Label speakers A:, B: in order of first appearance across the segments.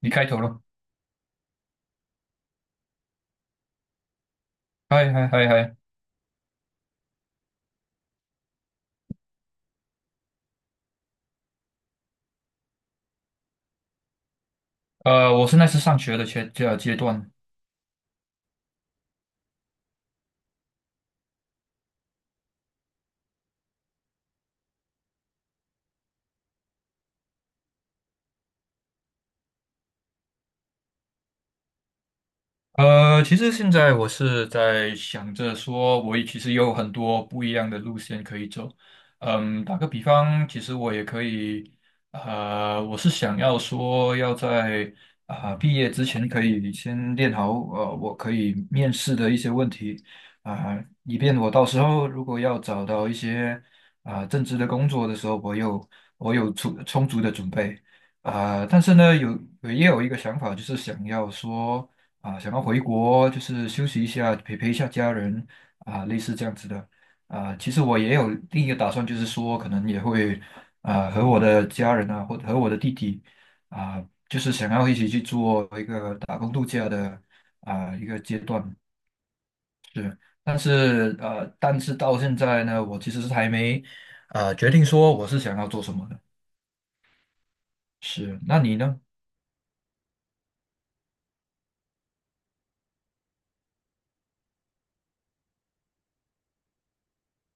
A: 你开头了，嗨嗨嗨嗨。我现在是那时上学的阶段，其实现在我是在想着说，我也其实有很多不一样的路线可以走。嗯，打个比方，其实我也可以。我是想要说要在啊、毕业之前可以先练好。我可以面试的一些问题啊、以便我到时候如果要找到一些啊、正职的工作的时候，我有充足的准备。啊、但是呢，有也有一个想法，就是想要说。啊，想要回国就是休息一下，陪陪一下家人啊，类似这样子的啊。其实我也有另一个打算，就是说可能也会啊和我的家人啊，或者和我的弟弟啊，就是想要一起去做一个打工度假的啊一个阶段是。但是到现在呢，我其实是还没决定说我是想要做什么的。是，那你呢？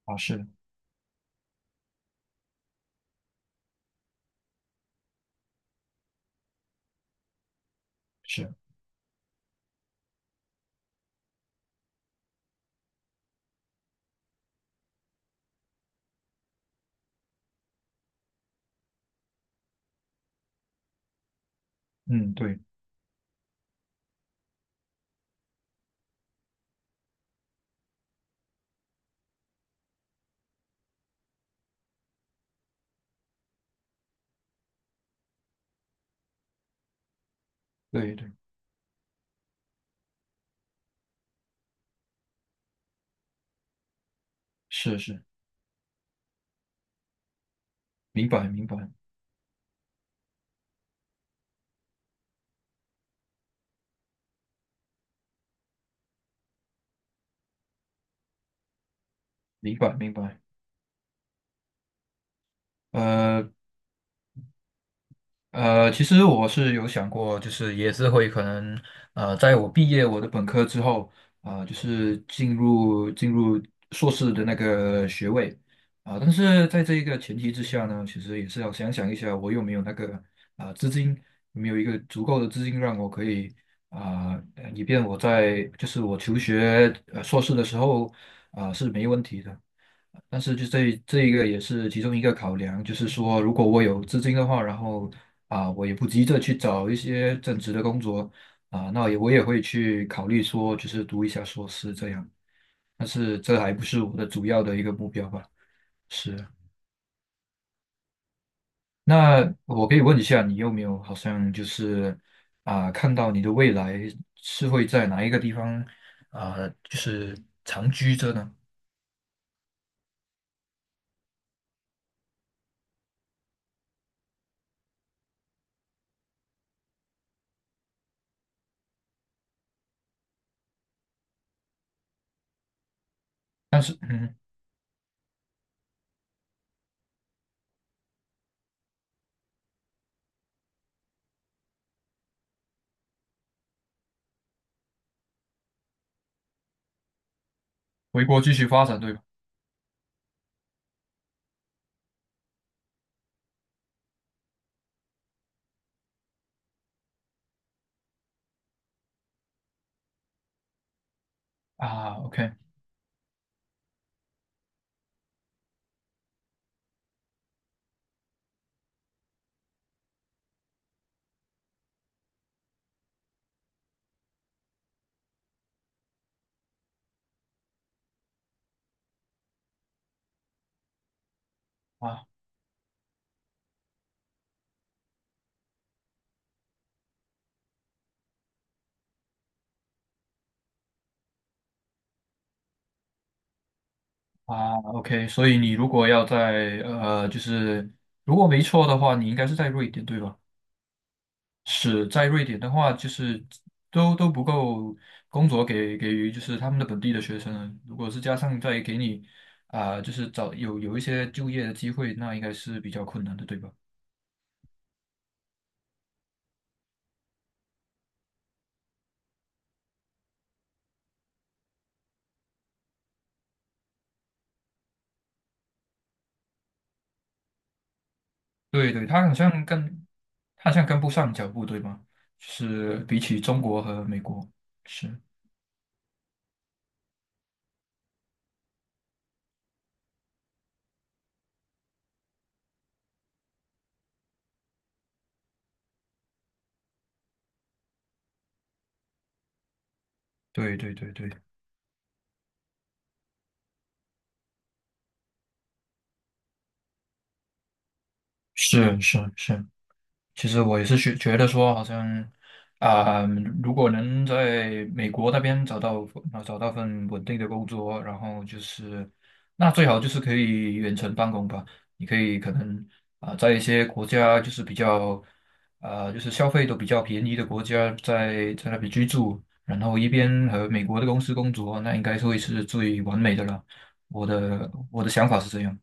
A: 啊，是是，嗯，对对对，是是，明白明白明白明白。呃其实我是有想过，就是也是会可能。在我毕业我的本科之后，啊、就是进入硕士的那个学位，啊、但是在这一个前提之下呢，其实也是要想想一下，我有没有那个啊、资金，有没有一个足够的资金让我可以啊、以便我在就是我求学硕士的时候啊、是没问题的。但是就这一个也是其中一个考量，就是说，如果我有资金的话，然后啊，我也不急着去找一些正职的工作啊，我也会去考虑说，就是读一下硕士这样。但是这还不是我的主要的一个目标吧？是。那我可以问一下，你有没有好像就是啊，看到你的未来是会在哪一个地方啊，就是长居着呢？但是嗯，回国继续发展，对吧？啊，OK。啊。啊，OK，所以你如果要在就是如果没错的话，你应该是在瑞典对吧？是在瑞典的话，就是都不够工作给予就是他们的本地的学生。如果是加上再给你啊、就是找有一些就业的机会，那应该是比较困难的对吧？对对，他好像跟不上脚步对吗？就是比起中国和美国，是，对对对对，是是是。其实我也是觉得说，好像啊、如果能在美国那边找到份稳定的工作，然后就是那最好就是可以远程办公吧。你可以可能啊、在一些国家就是比较啊、就是消费都比较便宜的国家在那边居住，然后一边和美国的公司工作，那应该是会是最完美的了。我的想法是这样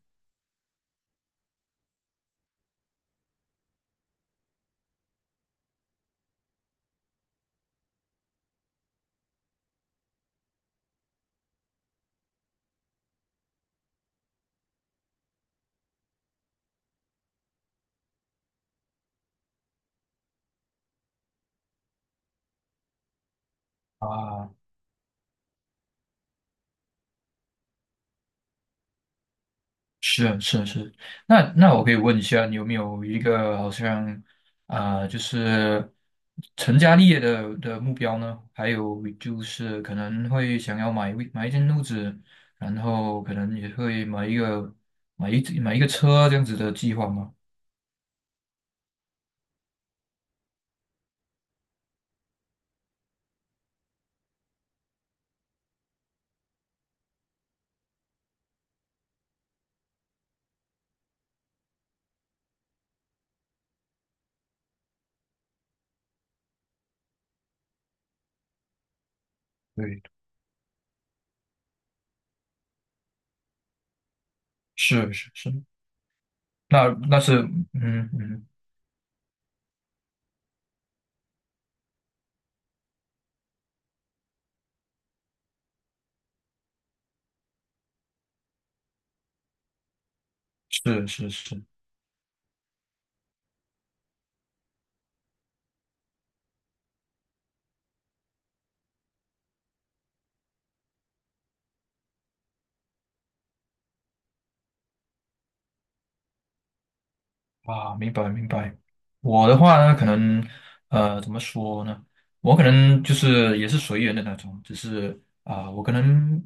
A: 啊。是是是，那我可以问一下，你有没有一个好像啊、就是成家立业的目标呢？还有就是可能会想要买一间屋子，然后可能也会买一个车这样子的计划吗？对，是是是，那是嗯嗯是是是，啊，明白明白。我的话呢，可能，怎么说呢？我可能就是也是随缘的那种，只是啊、我可能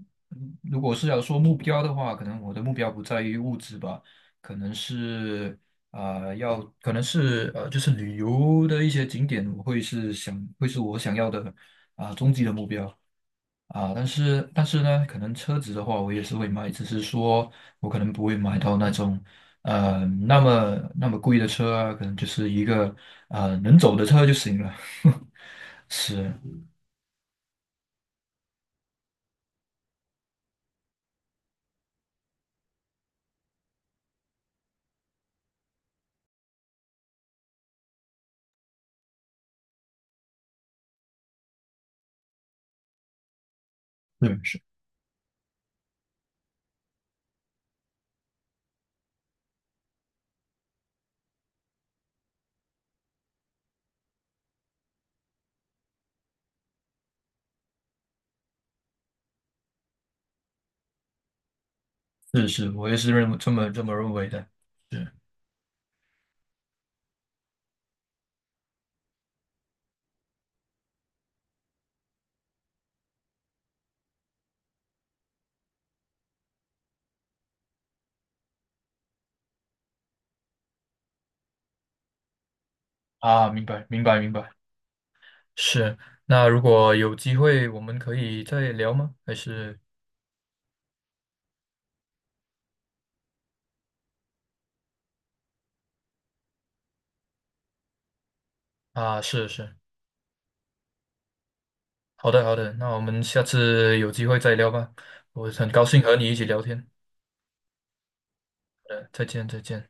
A: 如果是要说目标的话，可能我的目标不在于物质吧，可能是啊，要可能是呃，就是旅游的一些景点，我会是想会是我想要的啊、终极的目标。啊，但是呢，可能车子的话，我也是会买，只是说我可能不会买到那种那么贵的车啊，可能就是一个能走的车就行了。是，是是是是，我也是认为这么认为的。是啊，明白明白明白。是，那如果有机会，我们可以再聊吗？还是啊，是是，好的好的，那我们下次有机会再聊吧。我很高兴和你一起聊天。再见再见。